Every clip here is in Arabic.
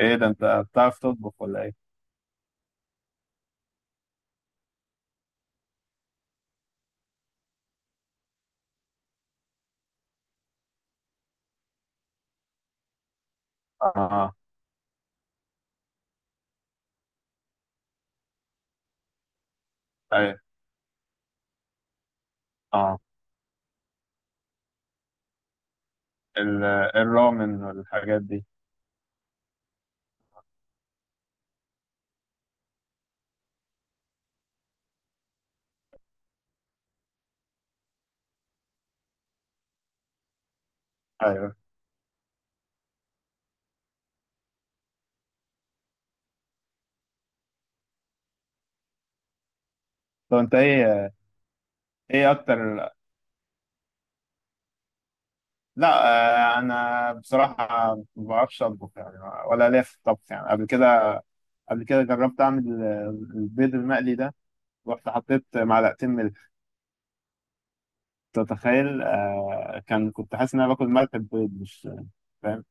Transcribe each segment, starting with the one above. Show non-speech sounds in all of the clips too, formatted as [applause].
ايه ده، انت بتعرف تطبخ ولا ايه؟ اه. ايوه. اه. ال- الرامن والحاجات دي. ايوه. طب انت ايه؟ اكتر. لا. انا بصراحه ما بعرفش اطبخ يعني، ولا ليا في الطبخ يعني قبل كده. قبل كده جربت اعمل البيض المقلي ده، رحت حطيت معلقتين ملح. تتخيل؟ كنت حاسس ان انا باكل ملح، البيض مش فاهم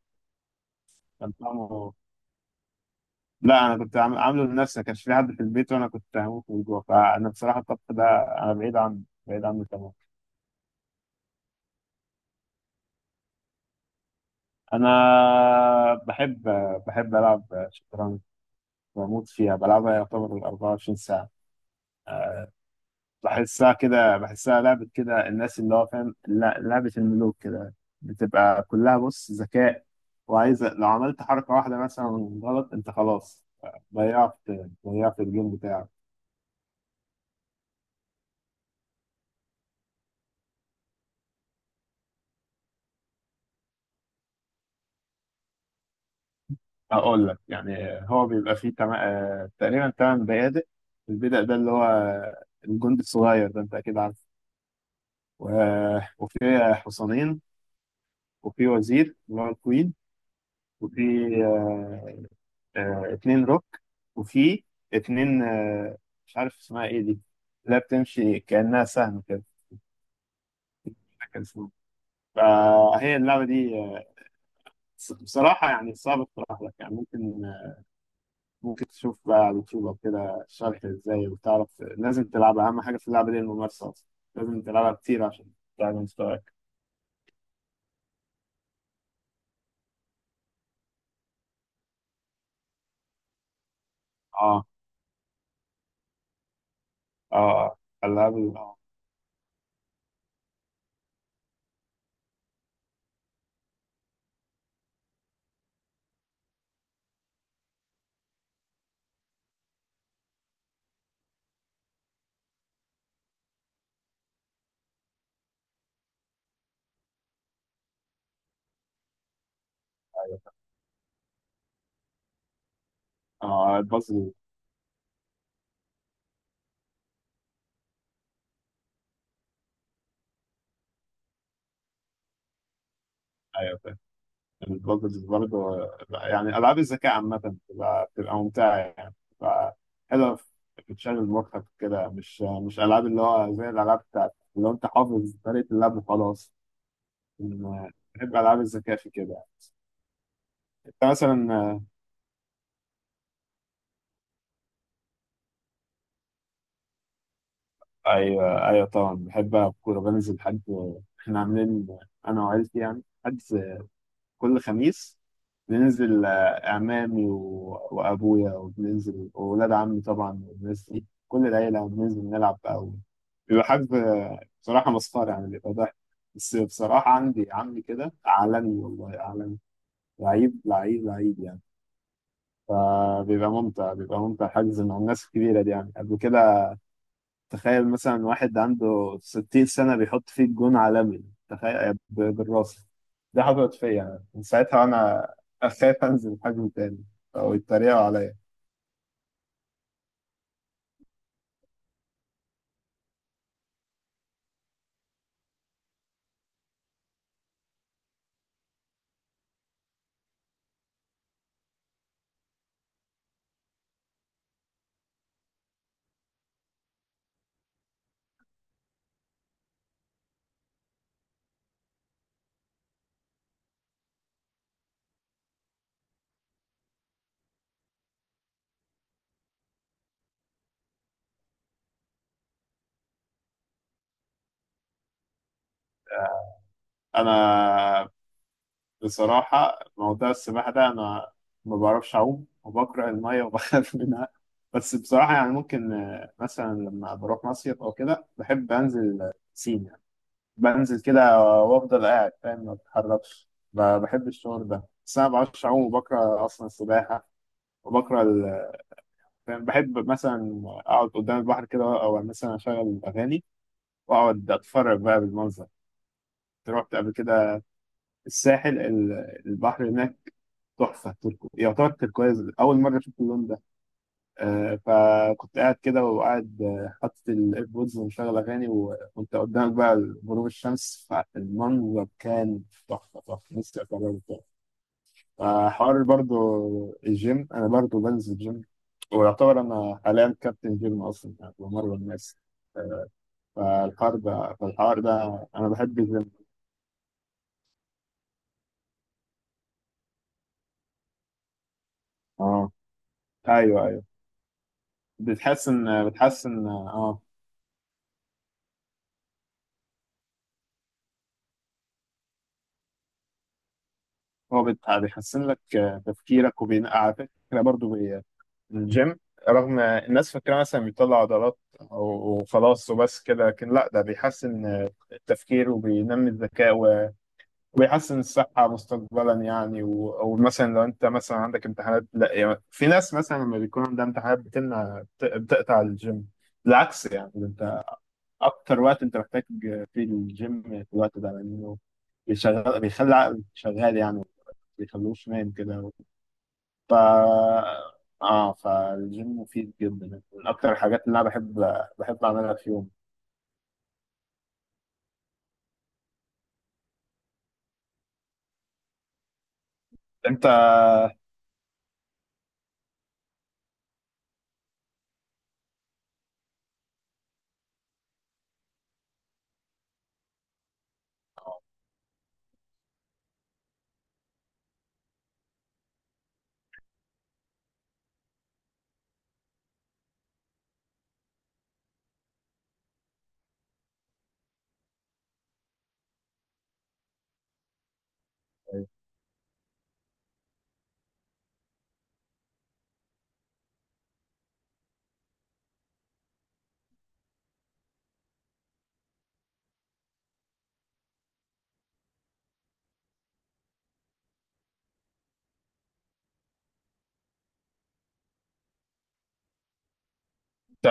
كان طعمه. لا انا كنت عامله لنفسي، ما كانش في حد في البيت وانا كنت هموت من الجوع، فانا بصراحه الطبخ ده انا بعيد عنه، بعيد عنه تمام. انا بحب العب شطرنج، بموت فيها، بلعبها يعتبر 24 ساعه. بحسها لعبه كده، الناس اللي هو فاهم، لا لعبه الملوك كده. بتبقى كلها بص ذكاء، وعايزه لو عملت حركه واحده مثلا غلط انت خلاص، ضيعت ضيعت الجيم بتاعك. هقول لك يعني، هو بيبقى فيه تقريبا تمن بيادق. البيدق ده اللي هو الجندي الصغير ده، انت اكيد عارف. و... وفي حصانين، وفي وزير اللي هو الكوين، وفي آه، اتنين روك، وفي اتنين مش عارف اسمها ايه دي، لا بتمشي كأنها سهم كده، مش فاكر اسمها. فهي اللعبة دي بصراحة يعني صعب اقتراح لك. يعني ممكن تشوف بقى على اليوتيوب أو كده شرح ازاي، وتعرف لازم تلعبها. اهم حاجه في اللعبه دي الممارسه اصلا، لازم تلعبها كتير عشان تعلي مستواك. اه. اه. آه. العاب اه. البازل؟ ايوه فاهم. البازل برضه يعني العاب الذكاء عامه، بتبقى ممتعه، يعني بتبقى حلوه بتشغل مخك كده، مش العاب اللي هو زي الالعاب بتاعت اللي هو انت حافظ طريقه اللعب وخلاص. بحب العاب الذكاء في كده. انت مثلا؟ ايوه ايوه، طبعا بحب العب كوره، بنزل حد. احنا عاملين انا وعيلتي يعني، حد كل خميس بننزل، اعمامي وابويا، وبننزل واولاد عمي طبعا والناس دي كل العيله، يعني بننزل نلعب. او بيبقى حد بصراحه مسخره، يعني بيبقى ضحك. بس بصراحه عندي عمي كده عالمي، والله عالمي، لعيب لعيب لعيب يعني. فبيبقى ممتع، بيبقى ممتع حجز مع الناس الكبيره دي يعني. قبل كده تخيل مثلا واحد عنده 60 سنة بيحط فيه جون عالمي، تخيل! بالراس. ده حصلت فيا أنا. من ساعتها وأنا أخاف أنزل حجم تاني أو يتريقوا عليا. أنا بصراحة موضوع السباحة ده، أنا ما بعرفش أعوم وبكره المية وبخاف [laughs] منها. بس بصراحة يعني ممكن مثلا لما بروح مصيف أو كده، بحب أنزل بسين، بنزل كده وافضل قاعد فاهم، ما بتحركش. بحب الشعور ده، بس انا ما بعرفش اعوم وبكره اصلا السباحه، وبكره فاهم؟ بحب مثلا اقعد قدام البحر كده، او مثلا اشغل اغاني واقعد اتفرج بقى بالمنظر. رحت قبل كده الساحل، البحر هناك تحفه، يعتبر تركواز، اول مره اشوف اللون ده. فكنت قاعد كده، وقاعد حاطط الايربودز، ومشغل اغاني، وانت قدامك بقى غروب الشمس، فالمنظر كان تحفه، تحفه، نفسي اكرره تاني. فحوار برضو الجيم، انا برضو بنزل جيم، ويعتبر انا حاليا كابتن جيم اصلا يعني، بمرن الناس. فالحوار ده انا بحب الجيم. اه. ايوه ايوه. بتحسن، بتحسن. اه. هو بيحسن لك تفكيرك، وبين على فكره برضه الجيم، رغم الناس فاكرة مثلا بيطلع عضلات أو خلاص وبس كده، لكن لا، ده بيحسن التفكير، وبينمي الذكاء وبيحسن الصحة مستقبلا يعني. أو مثلا لو أنت مثلا عندك امتحانات، لا يعني، في ناس مثلا لما بيكون عندها امتحانات بتمنع، بتقطع الجيم. بالعكس يعني، ده أنت أكتر وقت أنت محتاج فيه الجيم في الوقت ده، لأنه بيشغل، بيخلي عقلك شغال، يعني ما بيخلوش نايم كده. ف اه، فالجيم مفيد جدا، من اكتر الحاجات اللي انا بحب اعملها في يوم. انت، انت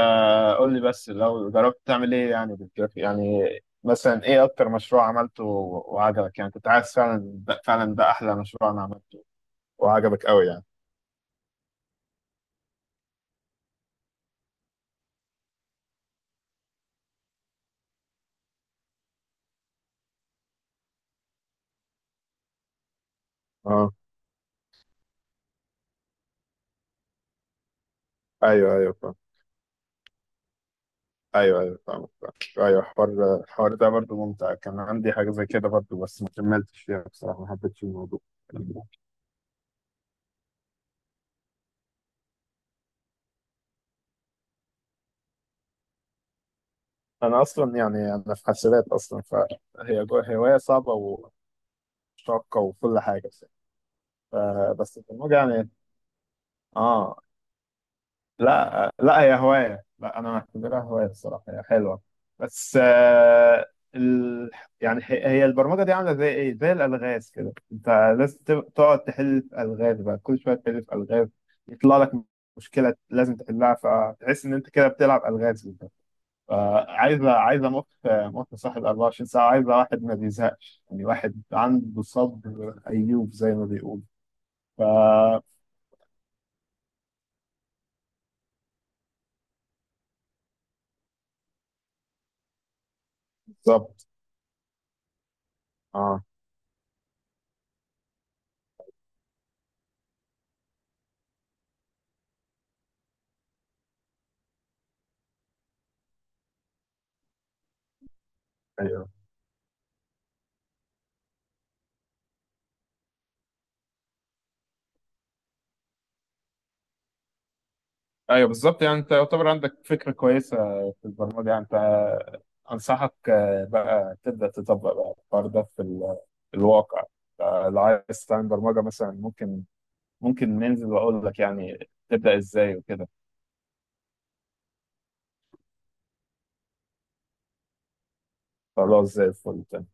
قول لي بس لو جربت تعمل ايه يعني بالجرافيك يعني. مثلا ايه اكتر مشروع عملته وعجبك، يعني كنت عايز فعلا، ده فعلا ده احلى مشروع انا عملته وعجبك قوي يعني؟ اه. ايوه ايوه فاهم. ايوه ايوه، فاهم فاهم. ايوه الحوار، ده برضه ممتع، كان عندي حاجه زي كده برضه، بس ما كملتش فيها بصراحه، ما حبيتش الموضوع. انا اصلا يعني انا في حاسبات اصلا، فهي هوايه صعبه وشاقه وكل حاجه. ف- بس البرمجه يعني. اه. لا لا، هي هوايه، لا انا معتبرها هوايه الصراحه، هي حلوه بس ال... يعني هي البرمجه دي عامله زي ايه، زي الالغاز كده. انت لازم تقعد تحل في الغاز بقى، كل شويه تحل في الغاز، يطلع لك مشكله لازم تحلها، فتحس ان انت كده بتلعب الغاز. عايزه، مخ، صاحب 24 ساعه، عايزه واحد ما بيزهقش يعني، واحد عنده صبر ايوب زي ما بيقول. ف بالظبط. اه. ايوه ايوه، بالظبط يعني. انت يعتبر عندك فكره كويسه في البرمجه يعني. انت انصحك بقى تبدا تطبق بقى الحوار ده في في الواقع. لو عايز تعمل برمجه مثلا، ممكن ننزل واقول لك يعني تبدا ازاي وكده. خلاص زي الفل.